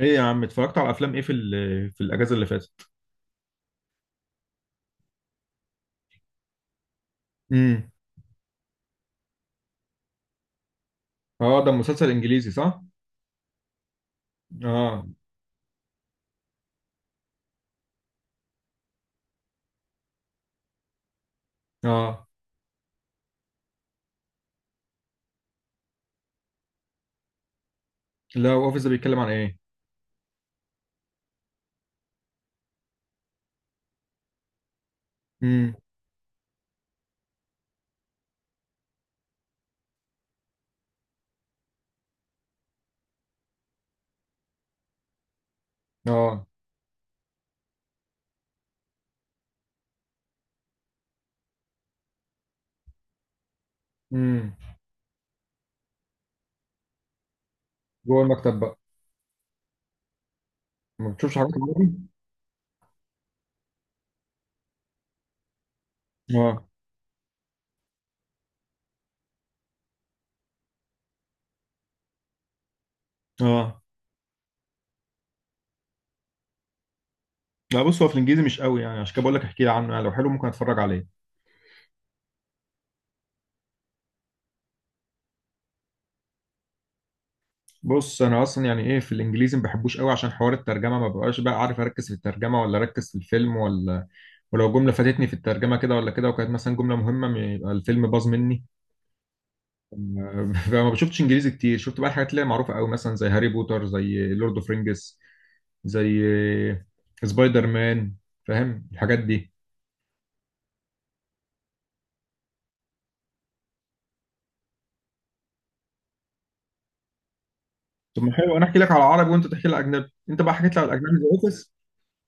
ايه يا عم، اتفرجت على افلام ايه في الاجازه اللي فاتت؟ امم. اه، ده مسلسل انجليزي صح؟ اه اه. لا، اوفيس ده بيتكلم عن ايه؟ امم. اه. امم. جوه المكتب بقى. ما بتشوفش حاجات عربي؟ اه. اه. لا، بص هو في الانجليزي مش قوي، يعني عشان كده بقول لك احكي لي عنه، يعني لو حلو ممكن اتفرج عليه. بص انا اصلا يعني ايه، في الانجليزي ما بحبوش قوي عشان حوار الترجمه ما ببقاش بقى عارف اركز في الترجمه ولا اركز في الفيلم ولا، ولو جمله فاتتني في الترجمه كده ولا كده وكانت مثلا جمله مهمه يبقى الفيلم باظ مني. فما بشوفتش انجليزي كتير، شفت بقى الحاجات اللي هي معروفه قوي مثلا زي هاري بوتر، زي لورد اوف رينجز، زي سبايدر مان، فاهم الحاجات دي. طب ما حلو، انا احكي لك على العربي وانت تحكي لي على الاجنبي، انت بقى حكيت لي على الاجنبي زي اوفيس.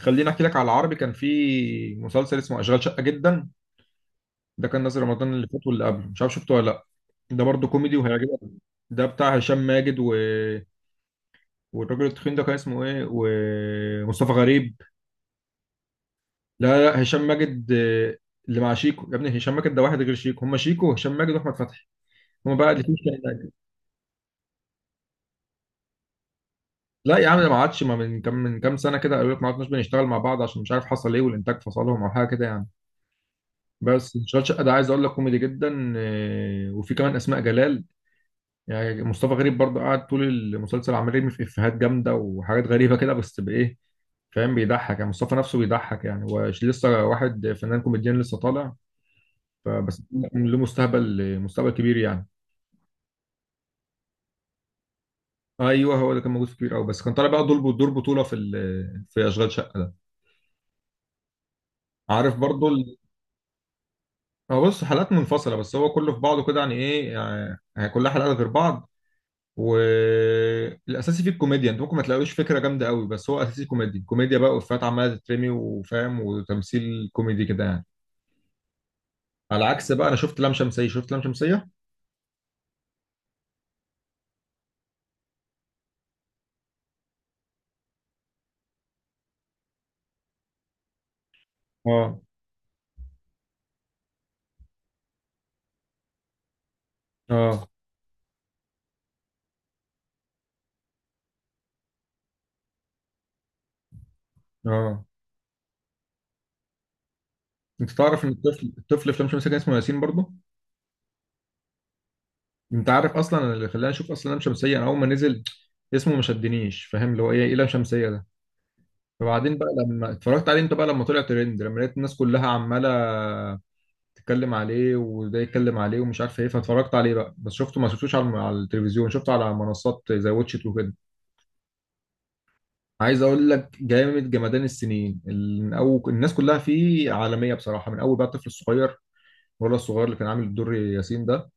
خليني احكي لك على العربي، كان في مسلسل اسمه اشغال شقه جدا، ده كان نازل رمضان اللي فات واللي قبله، مش عارف شفته ولا لا. ده برضه كوميدي وهيعجبك. ده بتاع هشام ماجد والراجل التخين ده كان اسمه ايه، ومصطفى غريب. لا، لا، هشام ماجد. اللي مع شيكو يا ابني، هشام ماجد ده واحد غير شيكو، هم شيكو وهشام ماجد واحمد فتحي. هم بقى الاثنين. لا يا عم، ده ما عادش، ما من كام من كام سنه كده، قالوا لك ما عدناش بنشتغل مع بعض عشان مش عارف حصل ايه، والانتاج فصلهم او حاجه كده يعني. بس شغال شقه ده عايز اقول لك كوميدي جدا، وفي كمان اسماء جلال. يعني مصطفى غريب برضه قاعد طول المسلسل عمال يرمي في افيهات جامده وحاجات غريبه كده، بس بايه، فاهم، بيضحك يعني، مصطفى نفسه بيضحك، يعني هو لسه واحد فنان كوميديان لسه طالع. فبس، له مستقبل، مستقبل كبير يعني. ايوه، هو اللي كان موجود في كبير قوي، بس كان طالع بقى دور بطوله في اشغال شقه ده. عارف برضو. هو بص، حلقات منفصله بس هو كله في بعضه كده يعني ايه، يعني كلها حلقات غير بعض. والاساسي فيه الكوميديا، انت ممكن ما تلاقيش فكره جامده قوي، بس هو اساسي كوميدي كوميديا بقى، وافيهات عماله تترمي وفاهم، وتمثيل كوميدي كده يعني. على عكس بقى، انا شفت لام شمسيه. اه. اه. اه. انت تعرف ان الطفل في لام شمسيه كان اسمه ياسين برضو. انت عارف اصلا أنا اللي خلاني اشوف اصلا لام شمسيه، انا اول ما نزل اسمه ما شدنيش، فاهم اللي هو ايه لام شمسيه ده. فبعدين بقى لما اتفرجت عليه، انت بقى لما طلع ترند، لما لقيت الناس كلها عماله تتكلم عليه وده يتكلم عليه ومش عارف ايه، فاتفرجت عليه بقى، بس شفته ما شفتوش على التلفزيون، شفته على منصات زي واتشت وكده. عايز اقول لك جامد جمدان، السنين من اول الناس كلها فيه عالميه بصراحه، من اول بقى الطفل الصغير، ولا الصغير اللي كان عامل الدور ياسين ده،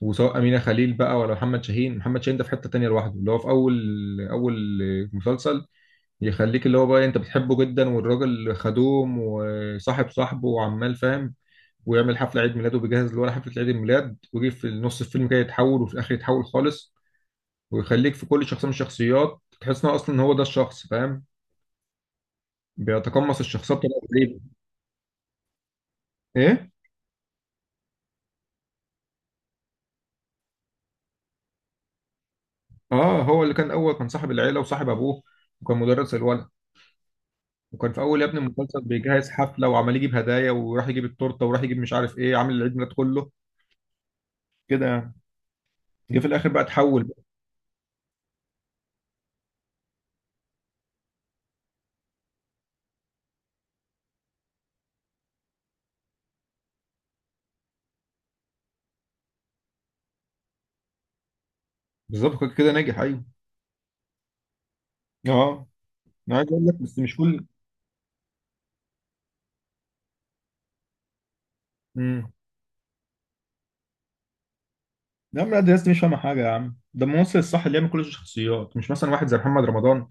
وسواء أمينة خليل بقى ولا محمد شاهين، محمد شاهين ده في حتة تانية لوحده، اللي هو في أول مسلسل يخليك، اللي هو بقى أنت بتحبه جدا، والراجل خدوم وصاحب صاحبه وعمال فاهم، ويعمل حفلة عيد ميلاد وبيجهز اللي هو حفلة عيد الميلاد، ويجي في نص الفيلم كده يتحول، وفي الآخر يتحول خالص، ويخليك في كل شخصية من الشخصيات تحس إن هو أصلا هو ده الشخص، فاهم، بيتقمص الشخصية بطريقة غريبة. إيه؟ هو اللي كان أول، كان صاحب العيلة وصاحب أبوه، وكان مدرس الولد، وكان في اول يا ابني المسلسل بيجهز حفله وعمال يجيب هدايا، وراح يجيب التورته، وراح يجيب مش عارف ايه، عامل العيد ميلاد كله كده يعني. جه في الاخر بقى اتحول بقى. بالظبط، كده كده ناجح، ايوه. اه. انا عايز اقول لك بس مش كل. امم. يا عم لا، ده الناس دي مش فاهمه حاجه يا عم، ده الممثل الصح اللي يعمل كل الشخصيات، مش مثلا واحد زي محمد رمضان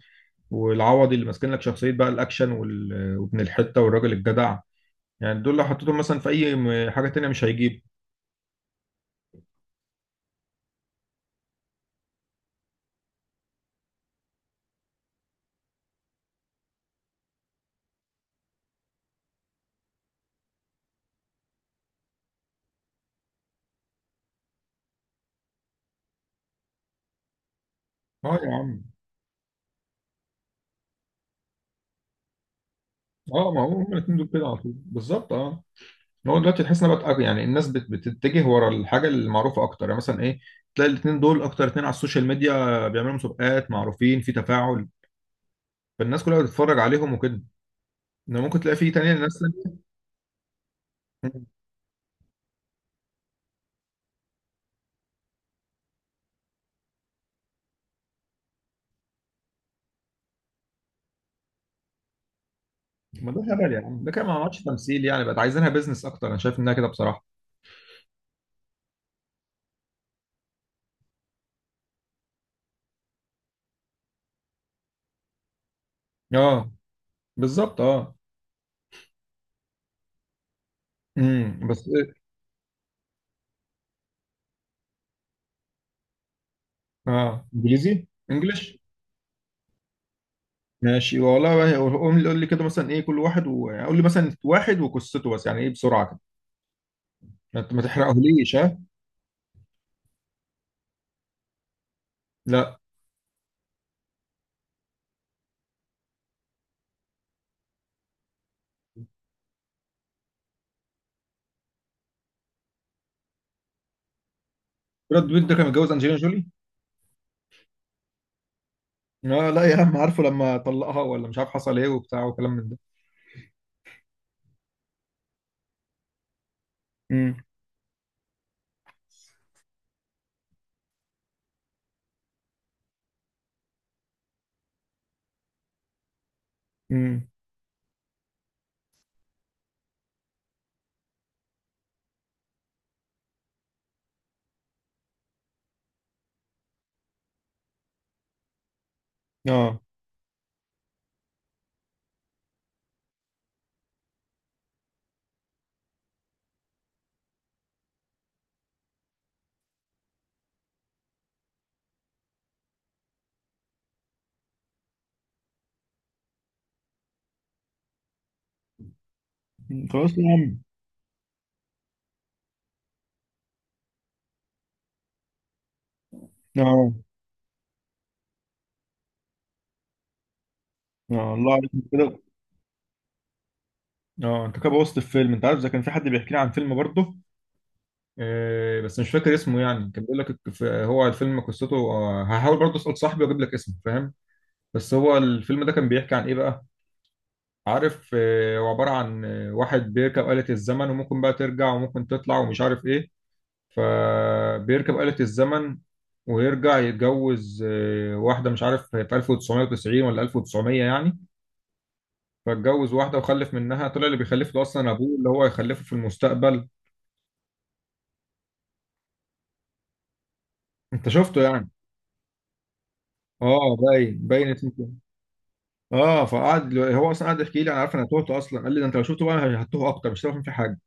والعوضي، اللي ماسكين لك شخصيه بقى الاكشن وابن الحته والراجل الجدع، يعني دول لو حطيتهم مثلا في اي حاجه تانيه مش هيجيب. اه يا عم. اه، ما هو هما الاثنين دول كده على طول بالظبط، اه. هو دلوقتي تحس ان بقى يعني الناس بتتجه ورا الحاجه المعروفه اكتر، يعني مثلا ايه، تلاقي الاثنين دول اكتر اثنين على السوشيال ميديا، بيعملوا مسابقات، معروفين في تفاعل، فالناس كلها بتتفرج عليهم وكده. انما ممكن تلاقي في تانية، ناس تانية- ما ده هبل يعني، ده كده ما عملتش تمثيل، يعني بقت عايزينها بيزنس اكتر، انا شايف انها كده بصراحه. اه. بالظبط، اه. بس إيه؟ اه، انجليزي، انجلش. ماشي والله، بقى قوم قول لي كده مثلا ايه كل واحد يعني قول لي مثلا واحد وقصته، بس يعني ايه بسرعه كده، ما تحرقهوليش، ها. لا. براد بيت ده كان متجوز انجلينا جولي. اه لا، يا عم عارفه، لما طلقها ولا مش عارف حصل ايه وبتاع وكلام من ده. امم. امم. اه. مم. خلاص يا عم. اه. اه، الله عليك أنت كده. اه، انت كده بوظت الفيلم، انت عارف ده كان في حد بيحكي لي عن فيلم برضه، بس مش فاكر اسمه، يعني كان بيقول لك هو الفيلم قصته، هحاول برضه اسال صاحبي واجيب لك اسمه، فاهم. بس هو الفيلم ده كان بيحكي عن ايه بقى؟ عارف، هو عباره عن واحد بيركب آلة الزمن، وممكن بقى ترجع وممكن تطلع ومش عارف ايه، فبيركب آلة الزمن، ويرجع يتجوز واحدة مش عارف في 1990 ولا 1900 يعني، فاتجوز واحدة وخلف منها، طلع اللي بيخلف له أصلا أبوه اللي هو هيخلفه في المستقبل. أنت شفته يعني؟ اه، باين باين اسمه كده. اه، فقعد هو اصلا قعد يحكي لي، انا عارف انا تهت اصلا، قال لي ده انت لو شفته بقى هتوه اكتر مش هتعرف فيه حاجه.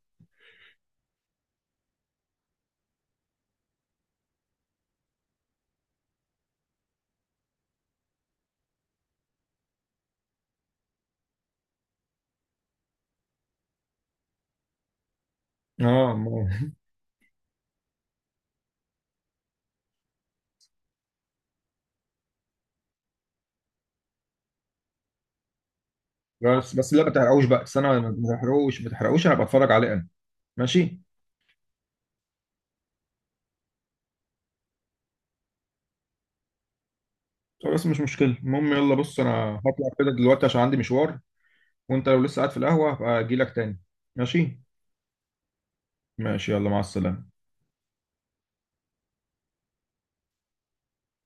اه. بس بس لا ما تحرقوش بقى، بس انا، ما تحرقوش ما تحرقوش، انا بتفرج عليه انا. ماشي. خلاص مش مشكله، المهم يلا بص، انا هطلع كده دلوقتي عشان عندي مشوار، وانت لو لسه قاعد في القهوة هبقى اجيلك تاني. ماشي. ماشي، يلا مع السلامة.